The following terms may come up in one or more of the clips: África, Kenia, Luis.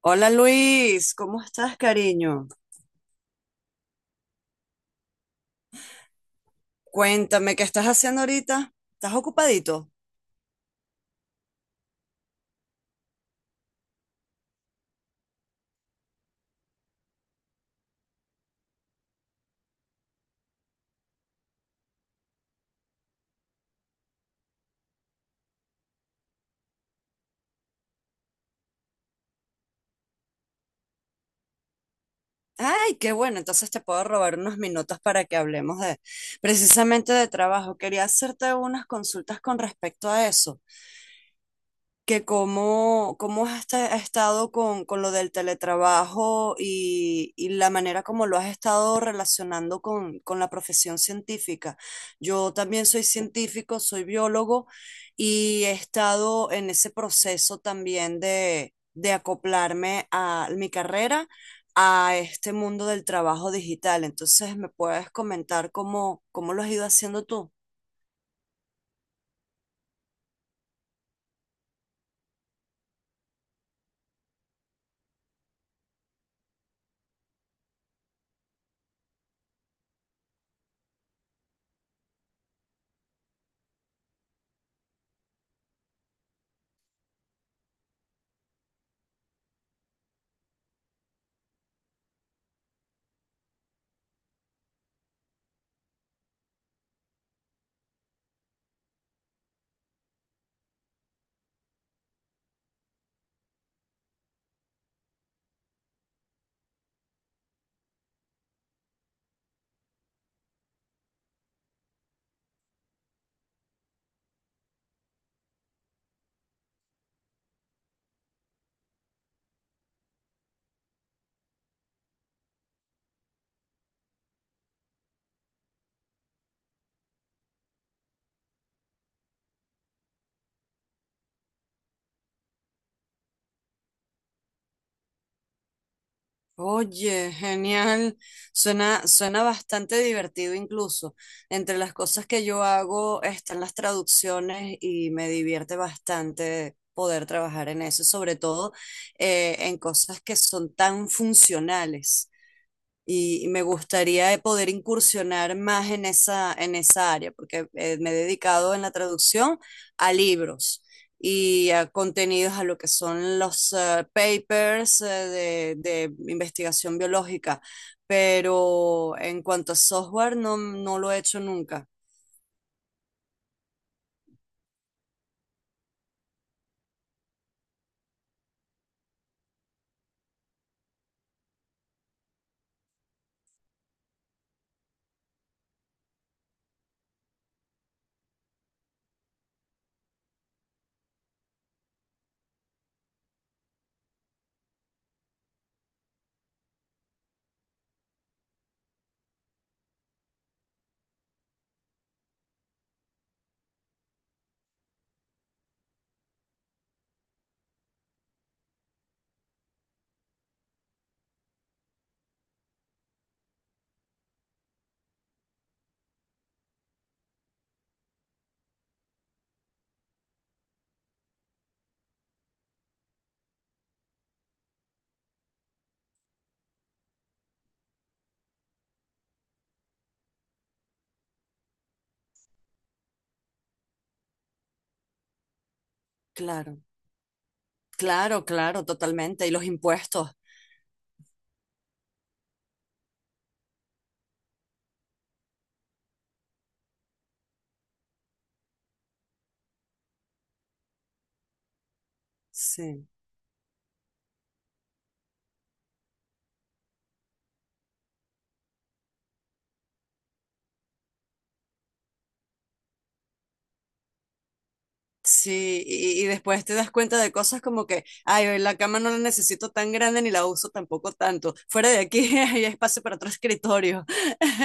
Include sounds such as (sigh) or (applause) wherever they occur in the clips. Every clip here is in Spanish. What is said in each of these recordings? Hola Luis, ¿cómo estás, cariño? Cuéntame, ¿qué estás haciendo ahorita? ¿Estás ocupadito? Ay, qué bueno, entonces te puedo robar unos minutos para que hablemos de precisamente de trabajo. Quería hacerte unas consultas con respecto a eso. Que cómo has estado con lo del teletrabajo y la manera como lo has estado relacionando con la profesión científica. Yo también soy científico, soy biólogo y he estado en ese proceso también de acoplarme a mi carrera, a este mundo del trabajo digital. Entonces, ¿me puedes comentar cómo lo has ido haciendo tú? Oye, genial. Suena bastante divertido incluso. Entre las cosas que yo hago están las traducciones y me divierte bastante poder trabajar en eso, sobre todo en cosas que son tan funcionales y me gustaría poder incursionar más en esa área, porque me he dedicado en la traducción a libros y a contenidos, a lo que son los papers, de investigación biológica, pero en cuanto a software no, no lo he hecho nunca. Claro, claro, claro, totalmente. Y los impuestos, sí. Sí, y después te das cuenta de cosas como que, ay, la cama no la necesito tan grande ni la uso tampoco tanto. Fuera de aquí (laughs) hay espacio para otro escritorio. (laughs)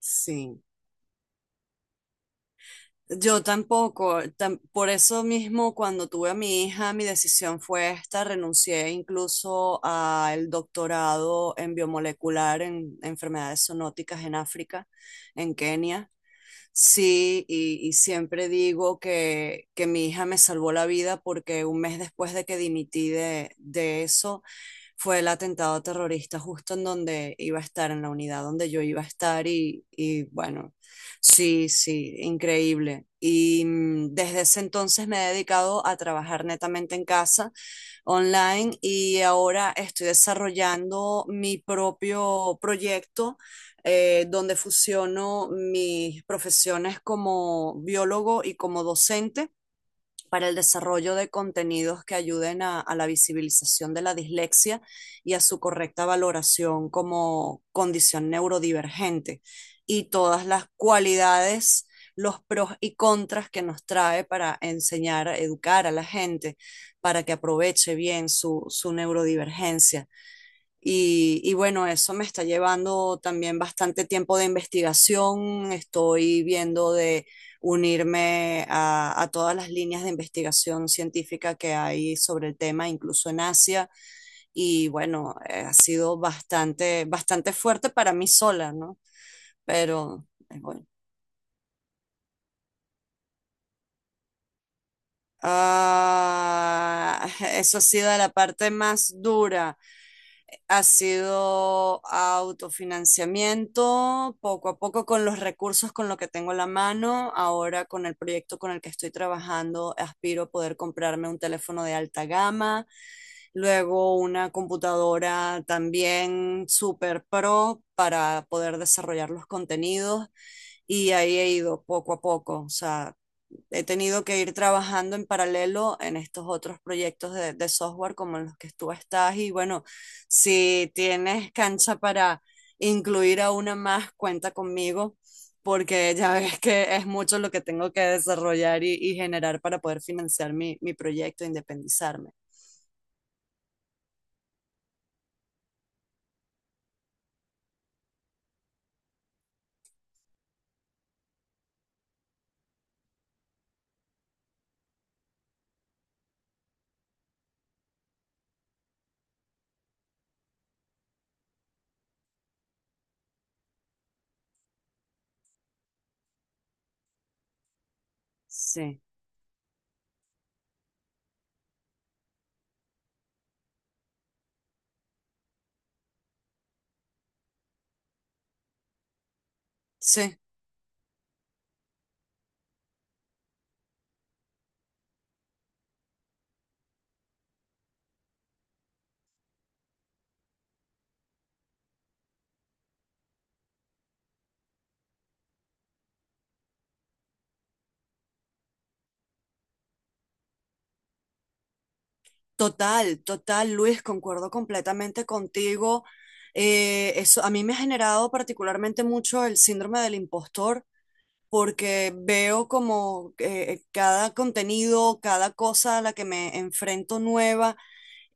Sí, yo tampoco. Por eso mismo, cuando tuve a mi hija, mi decisión fue esta. Renuncié incluso al doctorado en biomolecular en enfermedades zoonóticas en África, en Kenia. Sí, y siempre digo que mi hija me salvó la vida porque un mes después de que dimití de eso, fue el atentado terrorista justo en donde iba a estar, en la unidad donde yo iba a estar y bueno, sí, sí, increíble. Y desde ese entonces me he dedicado a trabajar netamente en casa online y ahora estoy desarrollando mi propio proyecto, donde fusiono mis profesiones como biólogo y como docente para el desarrollo de contenidos que ayuden a la visibilización de la dislexia y a su correcta valoración como condición neurodivergente y todas las cualidades, los pros y contras que nos trae para enseñar, educar a la gente, para que aproveche bien su neurodivergencia. Y bueno, eso me está llevando también bastante tiempo de investigación. Estoy viendo de unirme a todas las líneas de investigación científica que hay sobre el tema, incluso en Asia. Y bueno, ha sido bastante, bastante fuerte para mí sola, ¿no? Pero bueno. Ah, (laughs) eso ha sido la parte más dura. Ha sido autofinanciamiento, poco a poco con los recursos con lo que tengo a la mano. Ahora con el proyecto con el que estoy trabajando, aspiro a poder comprarme un teléfono de alta gama, luego una computadora también super pro para poder desarrollar los contenidos, y ahí he ido poco a poco. O sea, he tenido que ir trabajando en paralelo en estos otros proyectos de software como en los que tú estás y bueno, si tienes cancha para incluir a una más, cuenta conmigo, porque ya ves que es mucho lo que tengo que desarrollar y generar para poder financiar mi proyecto, independizarme. Sí, sí, total, total, Luis, concuerdo completamente contigo. Eso a mí me ha generado particularmente mucho el síndrome del impostor, porque veo como cada contenido, cada cosa a la que me enfrento nueva,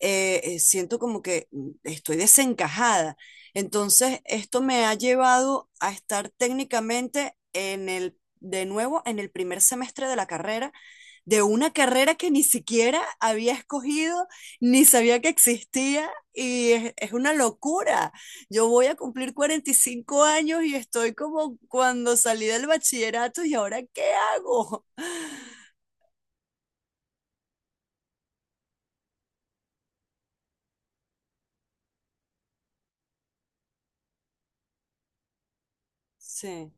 siento como que estoy desencajada. Entonces, esto me ha llevado a estar técnicamente de nuevo, en el primer semestre de la carrera, de una carrera que ni siquiera había escogido, ni sabía que existía, y es, una locura. Yo voy a cumplir 45 años y estoy como cuando salí del bachillerato, y ahora ¿qué hago? Sí,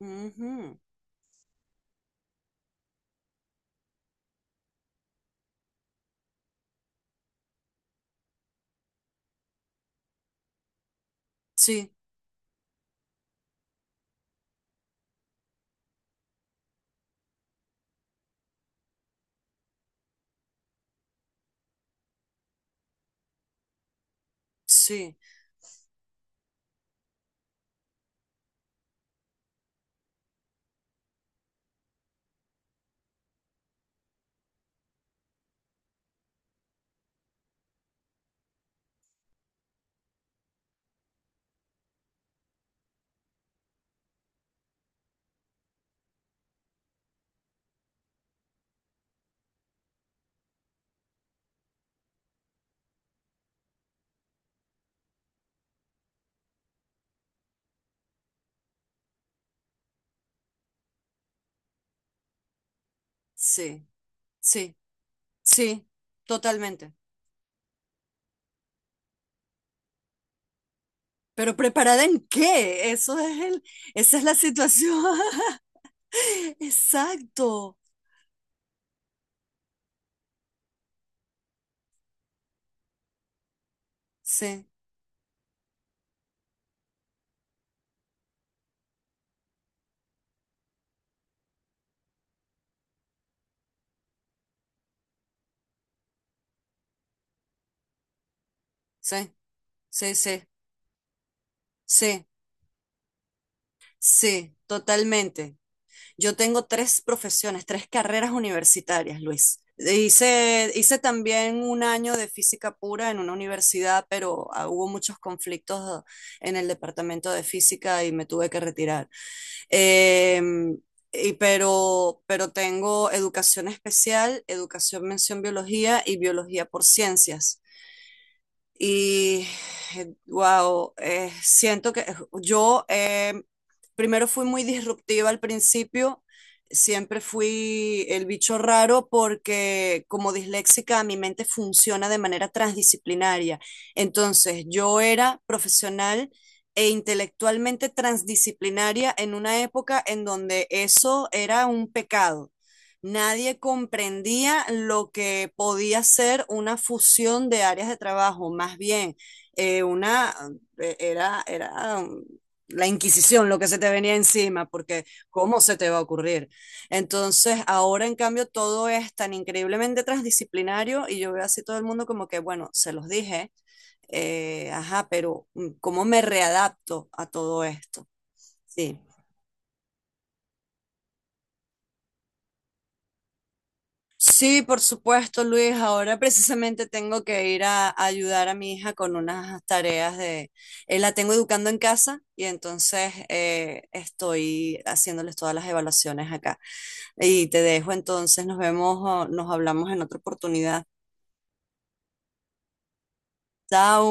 ujú. Sí, sí, sí, sí, sí, totalmente. ¿Pero preparada en qué? Eso es el... esa es la situación. (laughs) Exacto. Sí, sí, sí, sí, sí. Sí, totalmente. Yo tengo tres profesiones, tres carreras universitarias, Luis. Hice también un año de física pura en una universidad, pero hubo muchos conflictos en el departamento de física y me tuve que retirar. Em, y pero tengo educación especial, educación mención biología y biología por ciencias. Y wow, siento que yo, primero fui muy disruptiva al principio, siempre fui el bicho raro porque como disléxica mi mente funciona de manera transdisciplinaria. Entonces yo era profesional e intelectualmente transdisciplinaria en una época en donde eso era un pecado. Nadie comprendía lo que podía ser una fusión de áreas de trabajo, más bien, una, era la Inquisición lo que se te venía encima, porque ¿cómo se te va a ocurrir? Entonces, ahora en cambio todo es tan increíblemente transdisciplinario y yo veo así todo el mundo como que, bueno, se los dije, ajá, pero ¿cómo me readapto a todo esto? Sí. Sí, por supuesto, Luis. Ahora precisamente tengo que ir a ayudar a mi hija con unas tareas de... la tengo educando en casa y entonces estoy haciéndoles todas las evaluaciones acá. Y te dejo entonces, nos vemos, o nos hablamos en otra oportunidad. Chao.